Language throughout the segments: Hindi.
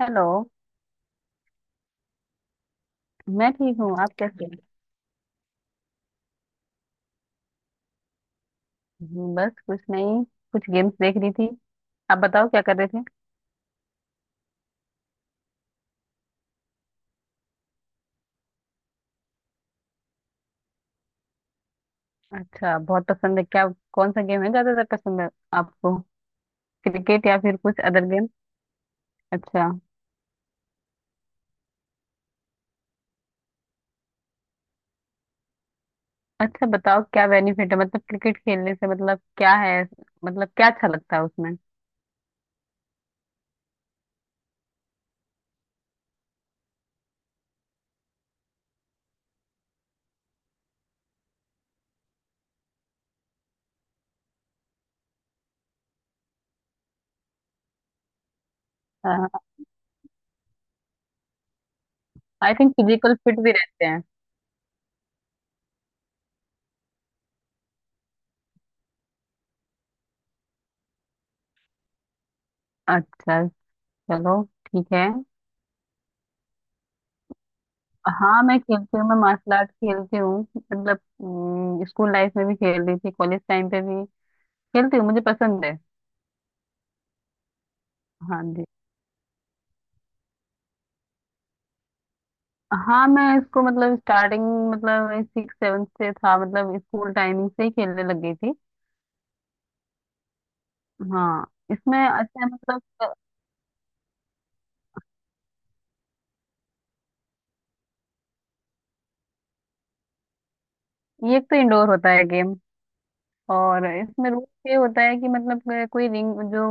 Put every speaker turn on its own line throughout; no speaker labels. हेलो। मैं ठीक हूँ। आप कैसे हैं? बस कुछ नहीं। कुछ गेम्स देख रही थी। आप बताओ क्या कर रहे थे? अच्छा, बहुत पसंद है क्या? कौन सा गेम है ज्यादातर पसंद है आपको? क्रिकेट या फिर कुछ अदर गेम? अच्छा अच्छा, बताओ क्या बेनिफिट है मतलब क्रिकेट खेलने से, मतलब क्या है? मतलब क्या अच्छा लगता है उसमें? आई थिंक फिजिकल फिट भी रहते हैं। अच्छा। चलो, ठीक है। हाँ, मैं खेलती हूँ। मैं मार्शल आर्ट खेलती हूँ मतलब। स्कूल लाइफ में भी खेल रही थी, कॉलेज टाइम पे भी खेलती हूँ। मुझे पसंद है। हाँ जी। हाँ, मैं इसको मतलब स्टार्टिंग, मतलब सिक्स सेवन्थ से था, मतलब स्कूल टाइमिंग से ही खेलने लग गई थी। हाँ, इसमें अच्छा है, मतलब ये एक तो इंडोर होता है गेम। और इसमें रूल ये होता है कि मतलब कोई रिंग, जो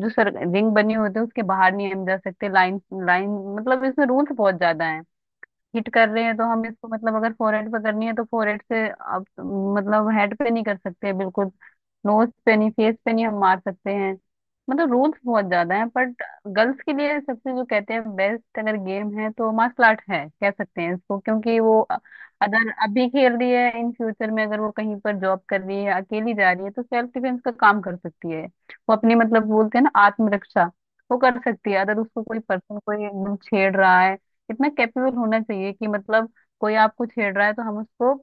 जो सर रिंग बनी होती है उसके बाहर नहीं हम जा सकते। लाइन लाइन, मतलब इसमें रूल्स बहुत ज्यादा। हिट कर रहे हैं तो हम इसको मतलब, अगर फोरहेड पे करनी है तो फोरहेड से, आप मतलब हेड पे नहीं कर सकते बिल्कुल। नोज पे नहीं, फेस पे नहीं हम मार सकते हैं। मतलब रूल्स बहुत ज्यादा हैं, बट गर्ल्स के लिए सबसे जो कहते हैं बेस्ट अगर गेम है तो मार्शल आर्ट है, कह सकते हैं इसको। क्योंकि वो अगर अभी खेल रही है, इन फ्यूचर में अगर वो कहीं पर जॉब कर रही है, अकेली जा रही है, तो सेल्फ डिफेंस का काम कर सकती है। वो अपनी मतलब बोलते हैं ना, आत्मरक्षा, वो कर सकती है। अगर उसको कोई पर्सन कोई एकदम छेड़ रहा है, इतना कैपेबल होना चाहिए कि मतलब कोई आपको छेड़ रहा है तो हम उसको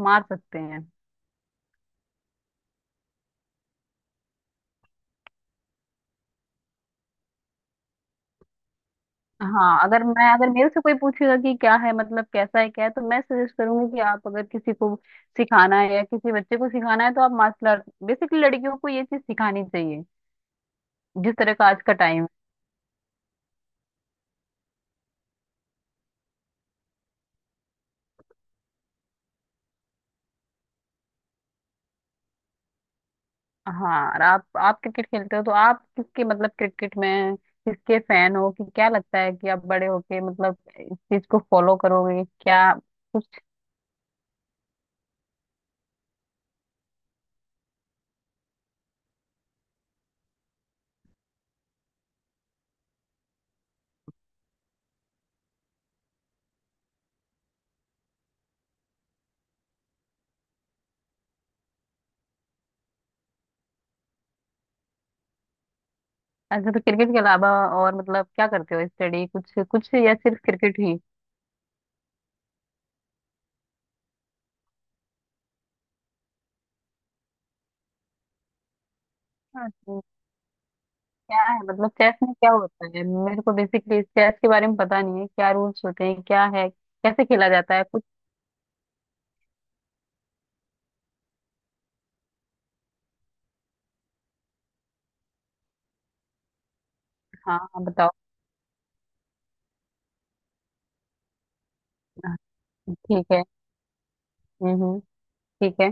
मार सकते हैं। हाँ, अगर मेरे से कोई पूछेगा कि क्या है, मतलब कैसा है क्या है, तो मैं सजेस्ट करूंगी कि आप अगर किसी को सिखाना है या किसी बच्चे को सिखाना है तो आप मार्शल आर्ट, बेसिकली लड़कियों को ये चीज सिखानी चाहिए, जिस तरह का आज का टाइम। हाँ, और आप क्रिकेट खेलते हो तो आप किसके मतलब क्रिकेट में किसके फैन हो, कि क्या लगता है कि आप बड़े होके मतलब इस चीज को फॉलो करोगे क्या? अच्छा, तो क्रिकेट के अलावा और मतलब क्या करते हो, स्टडी कुछ कुछ या सिर्फ क्रिकेट ही? हाँ तो क्या है, मतलब चेस में क्या होता है? मेरे को बेसिकली चेस के बारे में पता नहीं है, क्या रूल्स होते हैं, क्या है, कैसे खेला जाता है कुछ? हाँ हाँ, बताओ। ठीक है। हम्म हम्म, ठीक है।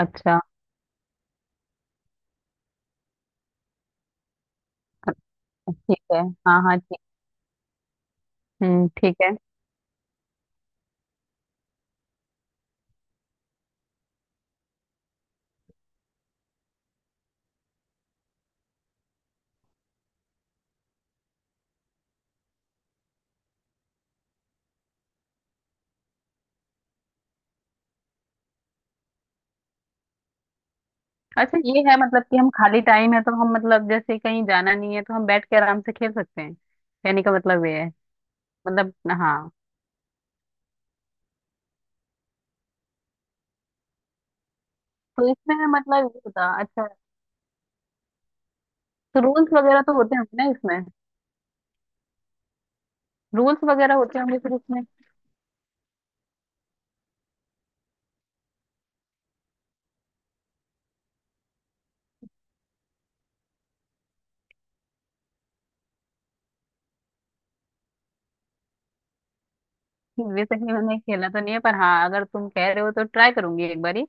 अच्छा। ठीक है। हाँ हाँ, ठीक। हम्म, ठीक है। अच्छा, ये है मतलब कि हम खाली टाइम है तो हम, मतलब जैसे कहीं जाना नहीं है तो हम बैठ के आराम से खेल सकते हैं, कहने का मतलब ये है। मतलब। हाँ, तो इसमें मतलब ये होता, अच्छा। तो रूल्स वगैरह तो होते होंगे ना इसमें? रूल्स वगैरह होते होंगे फिर इसमें? वैसे ही मैंने खेला तो नहीं है, पर हाँ अगर तुम कह रहे हो तो ट्राई करूंगी एक बारी,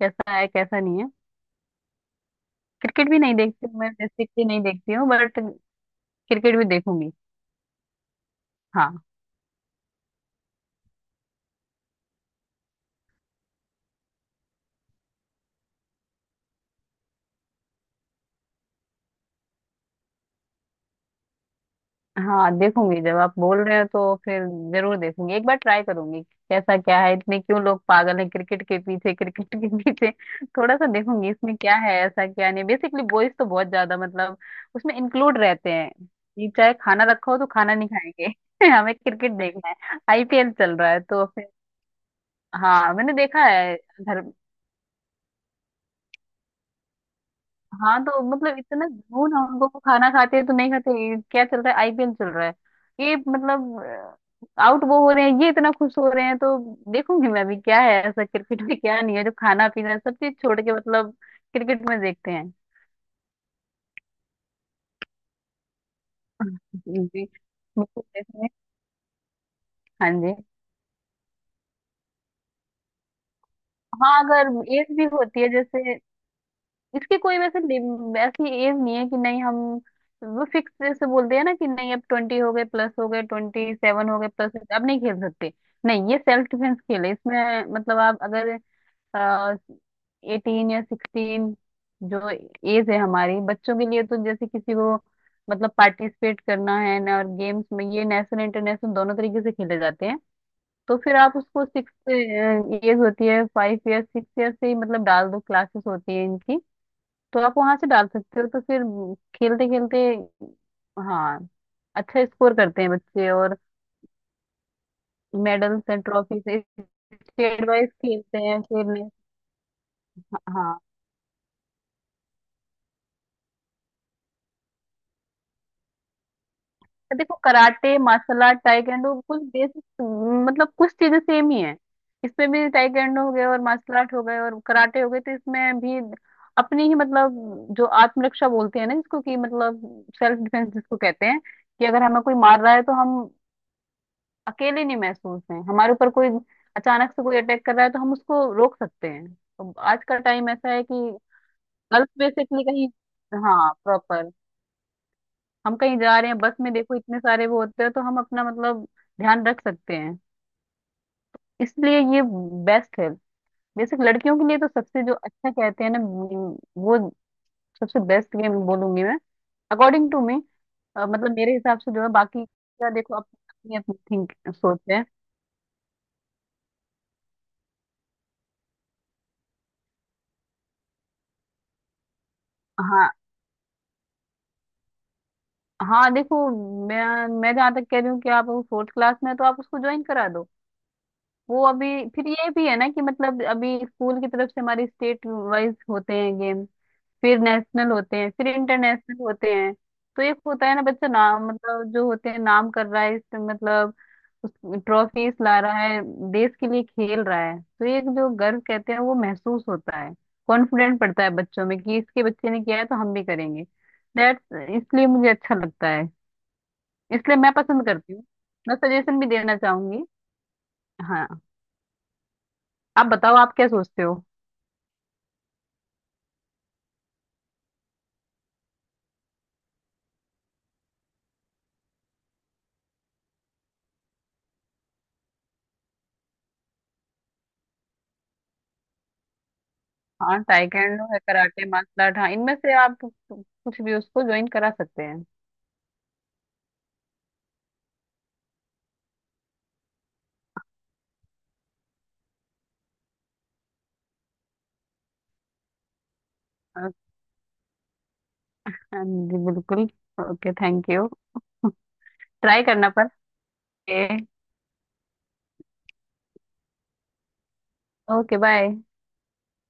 कैसा है कैसा नहीं है। क्रिकेट भी नहीं देखती हूँ मैं, बेसिकली नहीं देखती हूँ, बट क्रिकेट भी देखूंगी। हाँ हाँ, देखूंगी। जब आप बोल रहे हो तो फिर जरूर देखूंगी, एक बार ट्राई करूंगी। कैसा क्या है, इतने क्यों लोग पागल हैं क्रिकेट के पीछे, क्रिकेट के पीछे। थोड़ा सा देखूंगी, इसमें क्या है ऐसा क्या नहीं। बेसिकली बॉयज तो बहुत ज्यादा मतलब उसमें इंक्लूड रहते हैं। ये चाहे खाना रखा हो तो खाना नहीं खाएंगे हमें क्रिकेट देखना है, आईपीएल चल रहा है तो फिर। हाँ मैंने देखा है। घर। हाँ तो मतलब इतना जुनून है उनको, वो खाना खाते हैं तो नहीं खाते, ये क्या चल रहा है? आईपीएल चल रहा है। ये मतलब आउट वो हो रहे हैं, ये इतना खुश हो रहे हैं तो। देखूंगी मैं, अभी क्या है ऐसा क्रिकेट में क्या नहीं है जो खाना पीना सब चीज छोड़ के मतलब क्रिकेट में देखते हैं। जी। बिल्कुल देखेंगे। हाँ जी। हाँ अगर एज भी होती है जैसे इसकी कोई वैसे ऐसी एज नहीं है कि नहीं हम, वो फिक्स से बोलते हैं ना कि नहीं अब 20 हो गए, प्लस हो गए, 27 हो गए, प्लस अब नहीं खेल सकते। नहीं, ये सेल्फ डिफेंस खेल है। इसमें मतलब आप अगर 18 या 16, जो एज है हमारी बच्चों के लिए, तो जैसे किसी को मतलब पार्टिसिपेट करना है ना और गेम्स में, ये नेशनल इंटरनेशनल दोनों तरीके से खेले जाते हैं। तो फिर आप उसको सिक्स एज होती है, 5 ईयर 6 ईयर से ही मतलब डाल दो, क्लासेस होती है इनकी। तो आप वहां से डाल सकते हो, तो फिर खेलते खेलते, हाँ, अच्छा स्कोर करते हैं बच्चे और medals and trophies, state wise खेलते हैं फिर ने हाँ तो देखो, कराटे मार्शल आर्ट ताइक्वांडो कुछ बेसिक मतलब कुछ चीजें सेम ही है। इसमें भी ताइक्वांडो हो गए और मार्शल आर्ट हो गए और कराटे हो गए, तो इसमें भी अपनी ही मतलब जो आत्मरक्षा बोलते हैं ना, जिसको कि मतलब सेल्फ डिफेंस जिसको कहते हैं, कि अगर हमें कोई मार रहा है तो हम अकेले नहीं महसूस हैं, हमारे ऊपर कोई अचानक से कोई अटैक कर रहा है तो हम उसको रोक सकते हैं। तो आज का टाइम ऐसा है कि गर्ल्स बेसिकली कहीं, हाँ प्रॉपर, हम कहीं जा रहे हैं बस में, देखो इतने सारे वो होते हैं तो हम अपना मतलब ध्यान रख सकते हैं। इसलिए ये बेस्ट है, बेसिक लड़कियों के लिए तो सबसे जो अच्छा कहते हैं ना, वो सबसे बेस्ट गेम बोलूंगी मैं, अकॉर्डिंग टू मी, मतलब मेरे हिसाब से जो है। बाकी का देखो, अपनी अपनी थिंक सोच है। हाँ हाँ, देखो मैं मैं जहाँ तक कह रही हूँ कि आप फोर्थ क्लास में हैं, तो आप उसको ज्वाइन करा दो। वो अभी, फिर ये भी है ना कि मतलब अभी स्कूल की तरफ से हमारी स्टेट वाइज होते हैं गेम, फिर नेशनल होते हैं, फिर इंटरनेशनल होते हैं। तो एक होता है ना बच्चा नाम मतलब जो होते हैं नाम कर रहा है इस मतलब ट्रॉफीज ला रहा है, देश के लिए खेल रहा है, तो एक जो गर्व कहते हैं वो महसूस होता है। कॉन्फिडेंट पड़ता है बच्चों में कि इसके बच्चे ने किया है तो हम भी करेंगे, दैट्स इसलिए मुझे अच्छा लगता है, इसलिए मैं पसंद करती हूँ। मैं सजेशन भी देना चाहूंगी। हाँ, आप बताओ आप क्या सोचते हो? हाँ, टाइकेंडो है, कराटे, मार्शल आर्ट, हाँ इनमें से आप कुछ भी उसको ज्वाइन करा सकते हैं। हाँ जी, बिल्कुल। Okay, thank you. ट्राई करना पर। Okay, bye.